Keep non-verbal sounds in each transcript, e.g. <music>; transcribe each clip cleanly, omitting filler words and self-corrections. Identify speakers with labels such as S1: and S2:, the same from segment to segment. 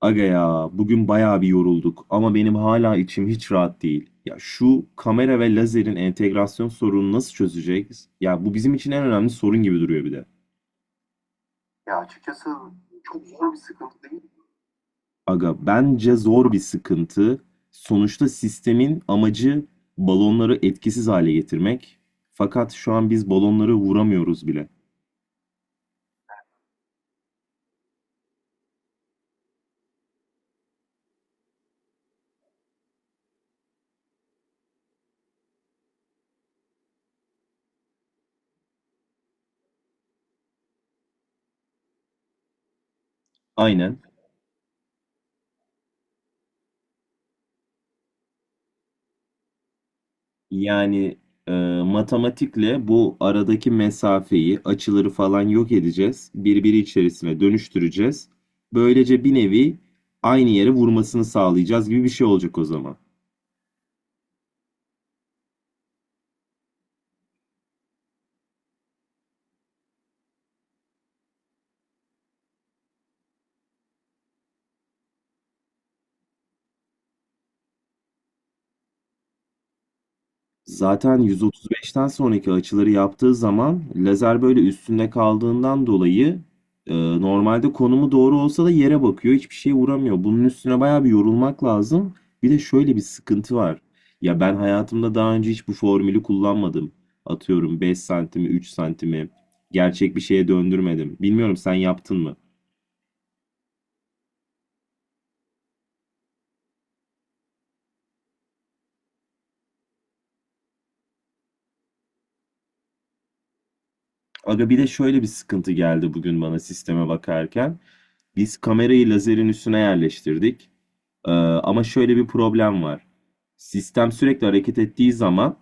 S1: Aga ya bugün bayağı bir yorulduk ama benim hala içim hiç rahat değil. Ya şu kamera ve lazerin entegrasyon sorununu nasıl çözeceğiz? Ya bu bizim için en önemli sorun gibi duruyor bir de. Aga bence zor bir sıkıntı. Sonuçta sistemin amacı balonları etkisiz hale getirmek. Fakat şu an biz balonları vuramıyoruz bile. Aynen. Yani e, matematikle bu aradaki mesafeyi, açıları falan yok edeceğiz. Birbiri içerisine dönüştüreceğiz. Böylece bir nevi aynı yere vurmasını sağlayacağız gibi bir şey olacak o zaman. Zaten 135'ten sonraki açıları yaptığı zaman lazer böyle üstünde kaldığından dolayı e, normalde konumu doğru olsa da yere bakıyor. Hiçbir şeye vuramıyor. Bunun üstüne bayağı bir yorulmak lazım. Bir de şöyle bir sıkıntı var. Ya ben hayatımda daha önce hiç bu formülü kullanmadım. Atıyorum 5 santimi, 3 santimi gerçek bir şeye döndürmedim. Bilmiyorum sen yaptın mı? Aga bir de şöyle bir sıkıntı geldi bugün bana sisteme bakarken. Biz kamerayı lazerin üstüne yerleştirdik. Ama şöyle bir problem var. Sistem sürekli hareket ettiği zaman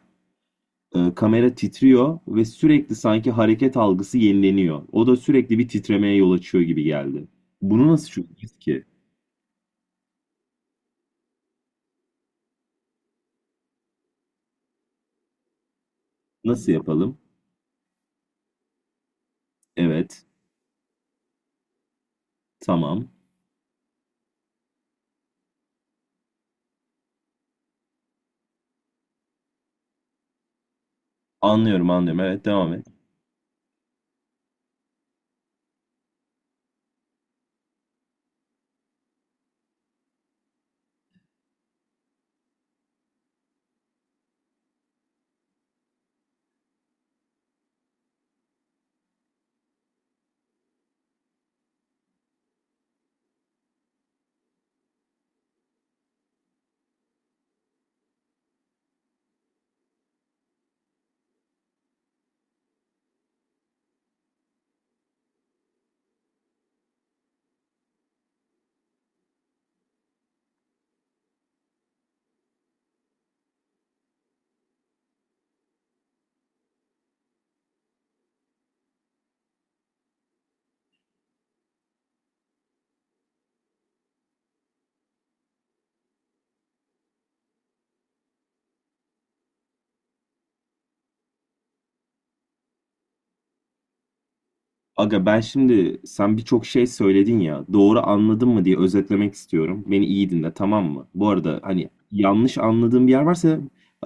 S1: kamera titriyor ve sürekli sanki hareket algısı yenileniyor. O da sürekli bir titremeye yol açıyor gibi geldi. Bunu nasıl çözeceğiz ki? Nasıl yapalım? Evet, tamam. Anlıyorum, anlıyorum. Evet, devam et. Aga ben şimdi sen birçok şey söyledin ya doğru anladın mı diye özetlemek istiyorum. Beni iyi dinle tamam mı? Bu arada hani yanlış anladığım bir yer varsa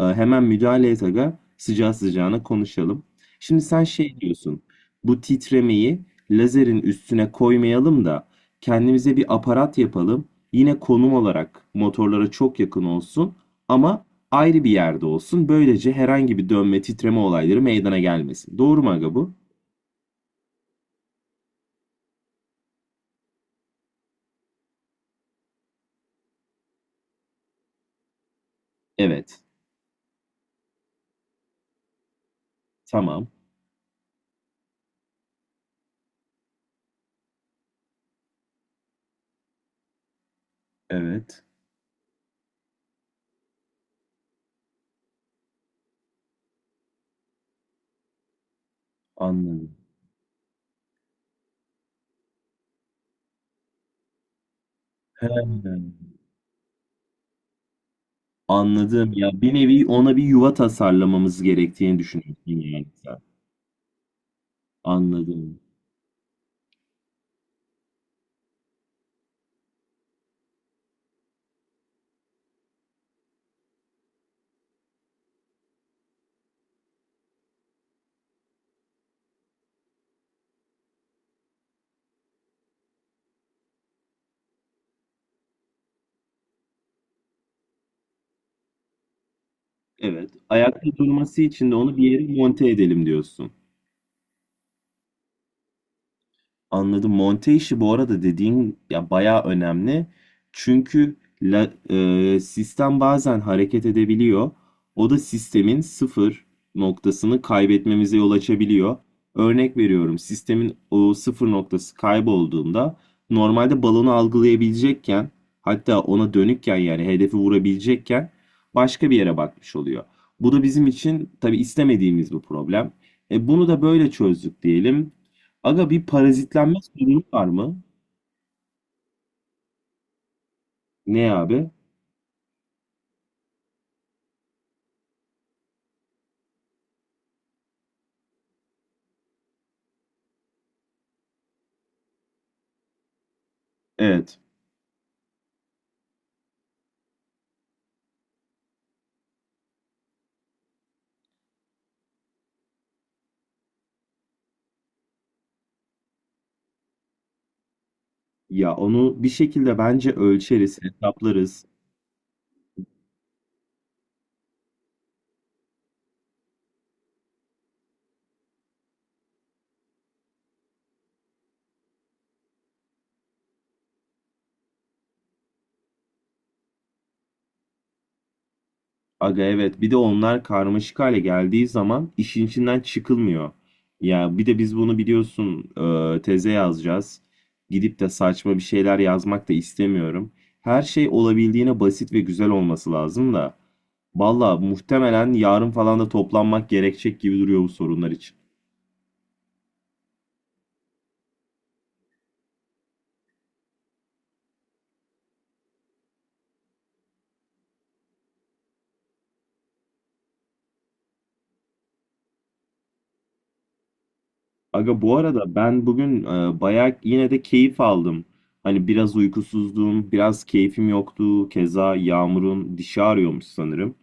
S1: hemen müdahale et aga sıcağı sıcağına konuşalım. Şimdi sen şey diyorsun bu titremeyi lazerin üstüne koymayalım da kendimize bir aparat yapalım. Yine konum olarak motorlara çok yakın olsun ama ayrı bir yerde olsun. Böylece herhangi bir dönme titreme olayları meydana gelmesin. Doğru mu aga bu? Evet. Tamam. Evet. Anladım. He. Anladım. Ya bir nevi ona bir yuva tasarlamamız gerektiğini düşünüyorsun yani sen. Anladım. Evet. Ayakta durması için de onu bir yere monte edelim diyorsun. Anladım. Monte işi bu arada dediğin ya bayağı önemli. Çünkü sistem bazen hareket edebiliyor. O da sistemin sıfır noktasını kaybetmemize yol açabiliyor. Örnek veriyorum. Sistemin o sıfır noktası kaybolduğunda normalde balonu algılayabilecekken hatta ona dönükken yani hedefi vurabilecekken başka bir yere bakmış oluyor. Bu da bizim için tabii istemediğimiz bir problem. Bunu da böyle çözdük diyelim. Aga bir parazitlenme sorunu var mı? Ne abi? Evet. Ya onu bir şekilde bence ölçeriz, hesaplarız. Aga evet bir de onlar karmaşık hale geldiği zaman işin içinden çıkılmıyor. Ya bir de biz bunu biliyorsun teze yazacağız. Gidip de saçma bir şeyler yazmak da istemiyorum. Her şey olabildiğine basit ve güzel olması lazım da. Valla muhtemelen yarın falan da toplanmak gerekecek gibi duruyor bu sorunlar için. Aga bu arada ben bugün bayağı yine de keyif aldım. Hani biraz uykusuzdum, biraz keyfim yoktu. Keza Yağmur'un dişi ağrıyormuş sanırım.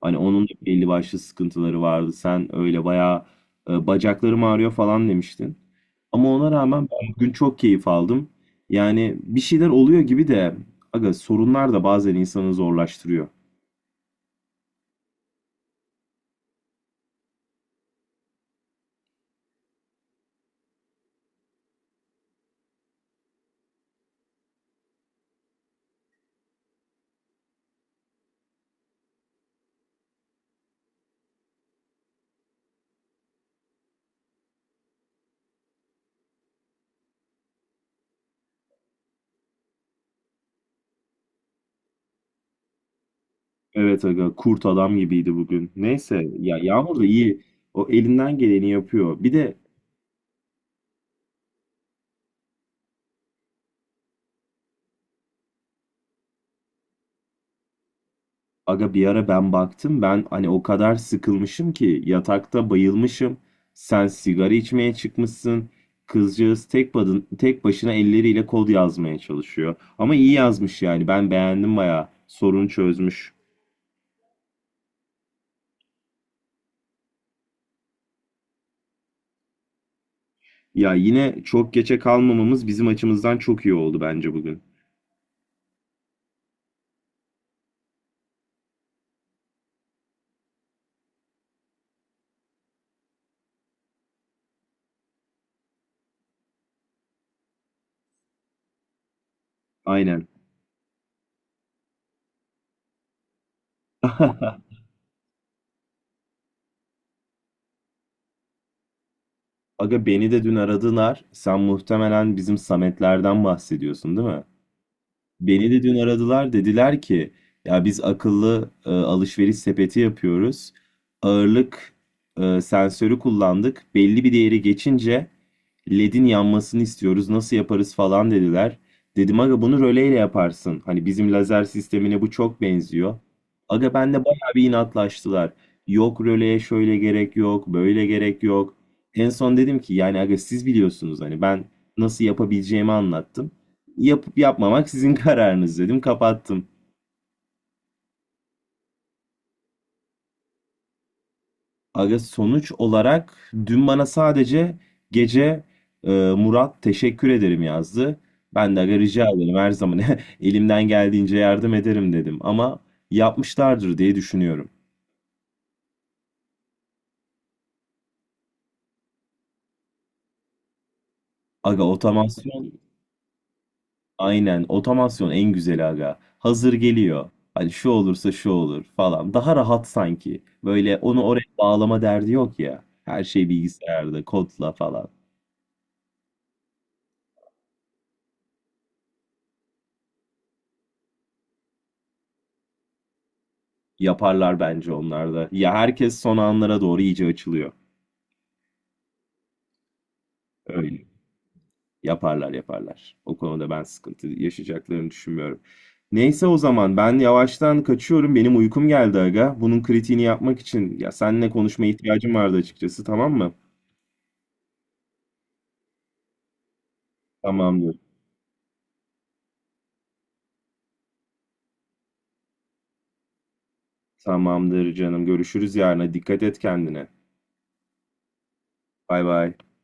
S1: Hani onun da belli başlı sıkıntıları vardı. Sen öyle bayağı bacaklarım ağrıyor falan demiştin. Ama ona rağmen ben bugün çok keyif aldım. Yani bir şeyler oluyor gibi de aga sorunlar da bazen insanı zorlaştırıyor. Evet aga kurt adam gibiydi bugün. Neyse ya Yağmur da iyi. O elinden geleni yapıyor. Bir de aga bir ara ben baktım ben hani o kadar sıkılmışım ki yatakta bayılmışım. Sen sigara içmeye çıkmışsın. Kızcağız tek, badın, tek başına elleriyle kod yazmaya çalışıyor. Ama iyi yazmış yani ben beğendim bayağı. Sorunu çözmüş. Ya yine çok geçe kalmamamız bizim açımızdan çok iyi oldu bence bugün. Aynen. <laughs> Aga beni de dün aradılar. Sen muhtemelen bizim Sametlerden bahsediyorsun değil mi? Beni de dün aradılar dediler ki ya biz akıllı alışveriş sepeti yapıyoruz. Ağırlık sensörü kullandık. Belli bir değeri geçince LED'in yanmasını istiyoruz. Nasıl yaparız falan dediler. Dedim aga bunu röleyle yaparsın. Hani bizim lazer sistemine bu çok benziyor. Aga ben de bayağı bir inatlaştılar. Yok röleye şöyle gerek yok, böyle gerek yok. En son dedim ki yani aga siz biliyorsunuz hani ben nasıl yapabileceğimi anlattım. Yapıp yapmamak sizin <laughs> kararınız dedim. Kapattım. Aga sonuç olarak dün bana sadece gece Murat teşekkür ederim yazdı. Ben de aga rica ederim her zaman <laughs> elimden geldiğince yardım ederim dedim. Ama yapmışlardır diye düşünüyorum. Aga otomasyon aynen otomasyon en güzeli aga. Hazır geliyor. Hani şu olursa şu olur falan. Daha rahat sanki. Böyle onu oraya bağlama derdi yok ya. Her şey bilgisayarda kodla falan. Yaparlar bence onlar da. Ya herkes son anlara doğru iyice açılıyor. Öyle. Hmm. Yaparlar yaparlar. O konuda ben sıkıntı yaşayacaklarını düşünmüyorum. Neyse o zaman ben yavaştan kaçıyorum. Benim uykum geldi aga. Bunun kritiğini yapmak için ya seninle konuşmaya ihtiyacım vardı açıkçası tamam mı? Tamamdır. Tamamdır canım. Görüşürüz yarına. Dikkat et kendine. Bay bay.